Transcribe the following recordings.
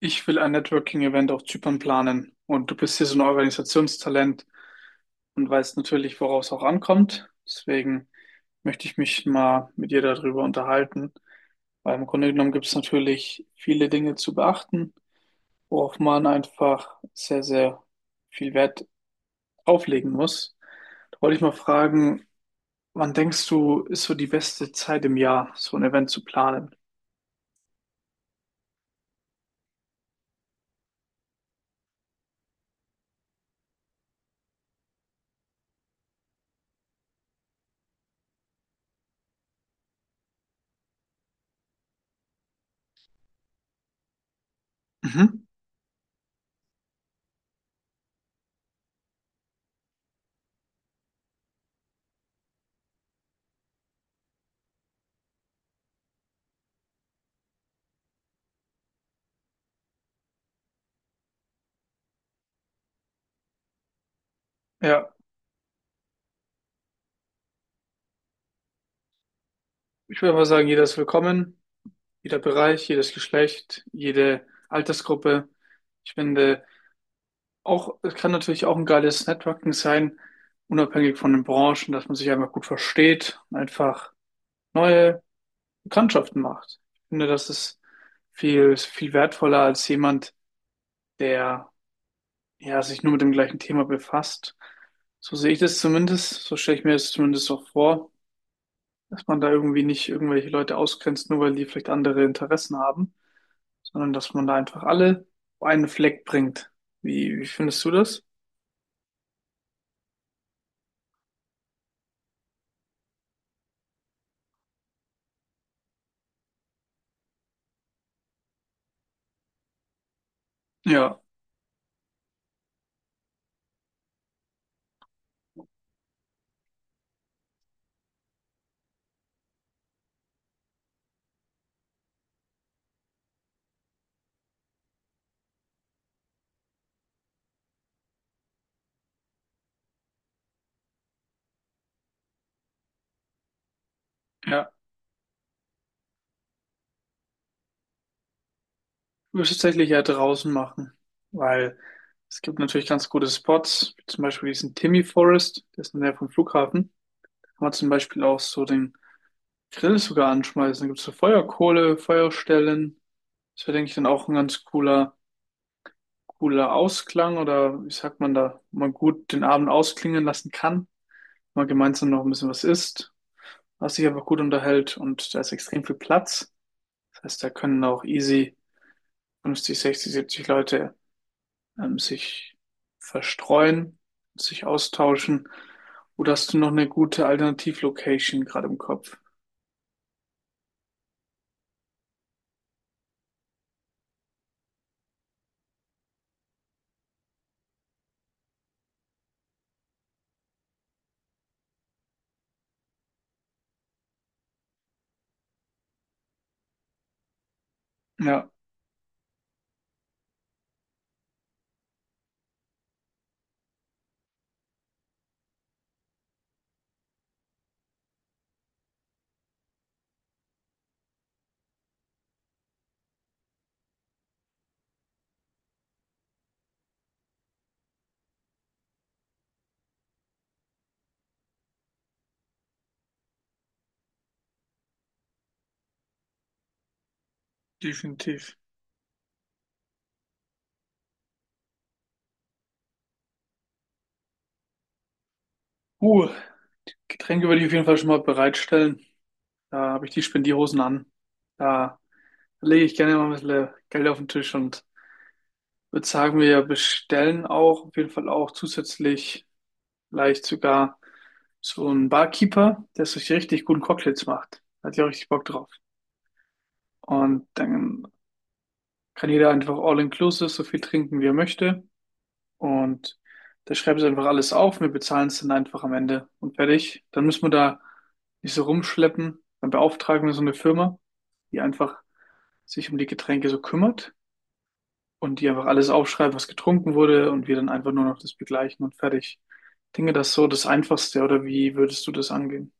Ich will ein Networking-Event auf Zypern planen und du bist hier so ein Organisationstalent und weißt natürlich, worauf es auch ankommt. Deswegen möchte ich mich mal mit dir darüber unterhalten, weil im Grunde genommen gibt es natürlich viele Dinge zu beachten, worauf man einfach sehr, sehr viel Wert auflegen muss. Da wollte ich mal fragen, wann denkst du, ist so die beste Zeit im Jahr, so ein Event zu planen? Mhm. Ja, ich würde mal sagen, jeder ist willkommen. Jeder Bereich, jedes Geschlecht, jede Altersgruppe. Ich finde auch, es kann natürlich auch ein geiles Networking sein, unabhängig von den Branchen, dass man sich einfach gut versteht und einfach neue Bekanntschaften macht. Ich finde, das ist viel, viel wertvoller als jemand, der ja sich nur mit dem gleichen Thema befasst. So sehe ich das zumindest, so stelle ich mir das zumindest auch vor, dass man da irgendwie nicht irgendwelche Leute ausgrenzt, nur weil die vielleicht andere Interessen haben, sondern dass man da einfach alle auf einen Fleck bringt. Wie, wie findest du das? Ja, ja. Ich würde es tatsächlich ja draußen machen, weil es gibt natürlich ganz gute Spots, wie zum Beispiel diesen Timmy Forest, der ist in der Nähe vom Flughafen. Kann man zum Beispiel auch so den Grill sogar anschmeißen. Da gibt es so Feuerkohle, Feuerstellen. Das wäre, denke ich, dann auch ein ganz cooler, cooler Ausklang, oder wie sagt man da, wo man gut den Abend ausklingen lassen kann, wenn man gemeinsam noch ein bisschen was isst, was sich einfach gut unterhält und da ist extrem viel Platz. Das heißt, da können auch easy 50, 60, 70 Leute sich verstreuen, sich austauschen. Oder hast du noch eine gute Alternativlocation gerade im Kopf? Ja, definitiv. Uh, Getränke würde ich auf jeden Fall schon mal bereitstellen. Da habe ich die Spendierhosen an. Da lege ich gerne mal ein bisschen Geld auf den Tisch und würde sagen, wir bestellen auch auf jeden Fall auch zusätzlich. Vielleicht sogar so ein Barkeeper, der sich richtig guten Cocktails macht. Hat ja richtig Bock drauf. Und dann kann jeder einfach all-inclusive so viel trinken, wie er möchte. Und da schreiben sie einfach alles auf. Wir bezahlen es dann einfach am Ende und fertig. Dann müssen wir da nicht so rumschleppen. Dann beauftragen wir so eine Firma, die einfach sich um die Getränke so kümmert und die einfach alles aufschreibt, was getrunken wurde und wir dann einfach nur noch das begleichen und fertig. Ich denke, das ist so das Einfachste, oder wie würdest du das angehen?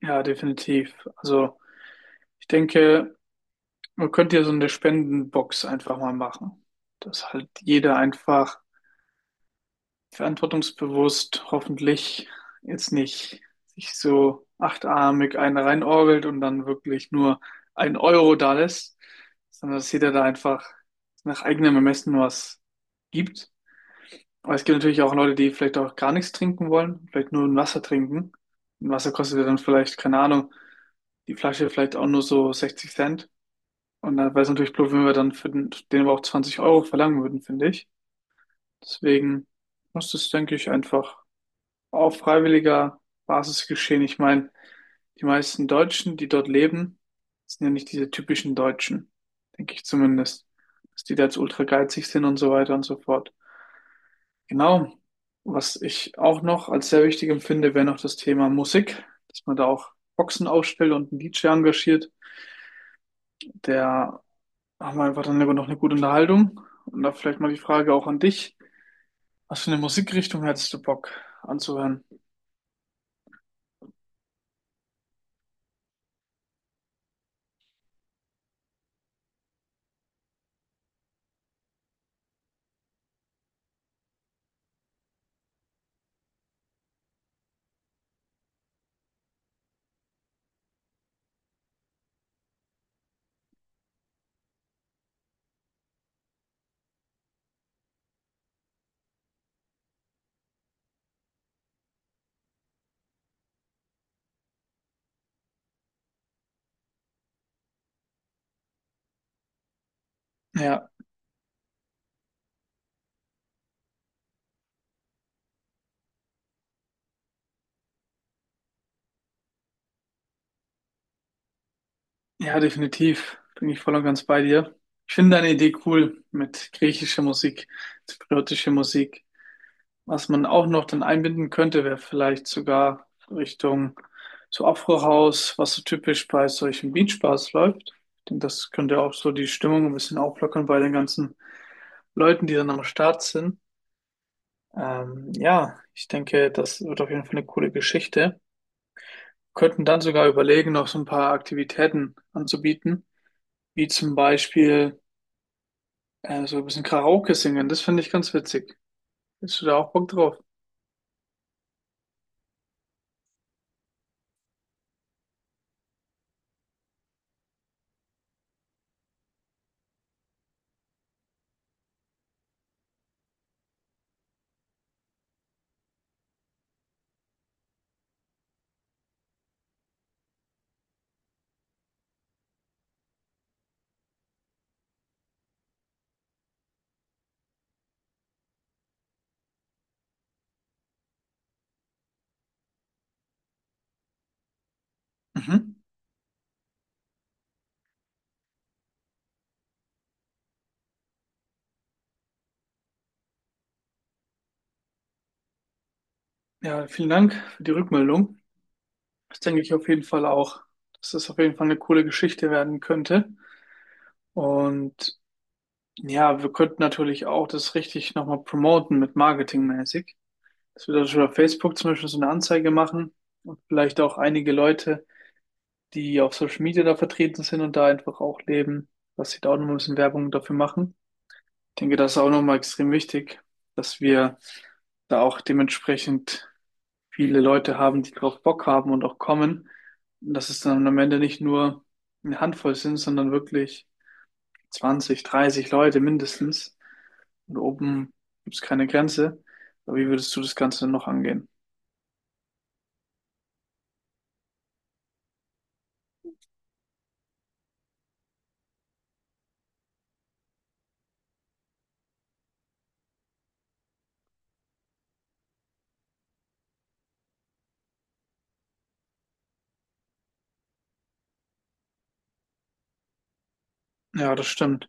Ja, definitiv. Also ich denke, man könnte ja so eine Spendenbox einfach mal machen, dass halt jeder einfach verantwortungsbewusst hoffentlich jetzt nicht sich so achtarmig eine reinorgelt und dann wirklich nur ein Euro da lässt, sondern dass jeder da einfach nach eigenem Ermessen was gibt. Aber es gibt natürlich auch Leute, die vielleicht auch gar nichts trinken wollen, vielleicht nur ein Wasser trinken. Ein Wasser kostet ja dann vielleicht, keine Ahnung, die Flasche vielleicht auch nur so 60 Cent. Und da wäre es natürlich blöd, wenn wir dann für den, den aber auch 20 € verlangen würden, finde ich. Deswegen muss das, denke ich, einfach auf freiwilliger Basis geschehen. Ich meine, die meisten Deutschen, die dort leben, sind ja nicht diese typischen Deutschen, denke ich zumindest, dass die da jetzt ultra geizig sind und so weiter und so fort. Genau. Was ich auch noch als sehr wichtig empfinde, wäre noch das Thema Musik, dass man da auch Boxen aufstellt und einen DJ engagiert, der. Machen wir einfach dann lieber noch eine gute Unterhaltung. Und da vielleicht mal die Frage auch an dich. Was für eine Musikrichtung hättest du Bock anzuhören? Ja, ja, definitiv. Bin ich voll und ganz bei dir. Ich finde deine Idee cool mit griechischer Musik, zypriotischer Musik. Was man auch noch dann einbinden könnte, wäre vielleicht sogar Richtung so Afro-House, was so typisch bei solchen Beach-Bars läuft. Ich denke, das könnte auch so die Stimmung ein bisschen auflockern bei den ganzen Leuten, die dann am Start sind. Ja, ich denke, das wird auf jeden Fall eine coole Geschichte. Könnten dann sogar überlegen, noch so ein paar Aktivitäten anzubieten, wie zum Beispiel so ein bisschen Karaoke singen. Das finde ich ganz witzig. Bist du da auch Bock drauf? Mhm. Ja, vielen Dank für die Rückmeldung. Das denke ich auf jeden Fall auch, dass das auf jeden Fall eine coole Geschichte werden könnte. Und ja, wir könnten natürlich auch das richtig nochmal promoten mit marketingmäßig. Dass wir da schon auf Facebook zum Beispiel so eine Anzeige machen und vielleicht auch einige Leute, die auf Social Media da vertreten sind und da einfach auch leben, dass sie da auch noch mal ein bisschen Werbung dafür machen. Ich denke, das ist auch nochmal extrem wichtig, dass wir da auch dementsprechend viele Leute haben, die drauf Bock haben und auch kommen. Und dass es dann am Ende nicht nur eine Handvoll sind, sondern wirklich 20, 30 Leute mindestens. Und oben gibt es keine Grenze. Aber wie würdest du das Ganze noch angehen? Ja, das stimmt.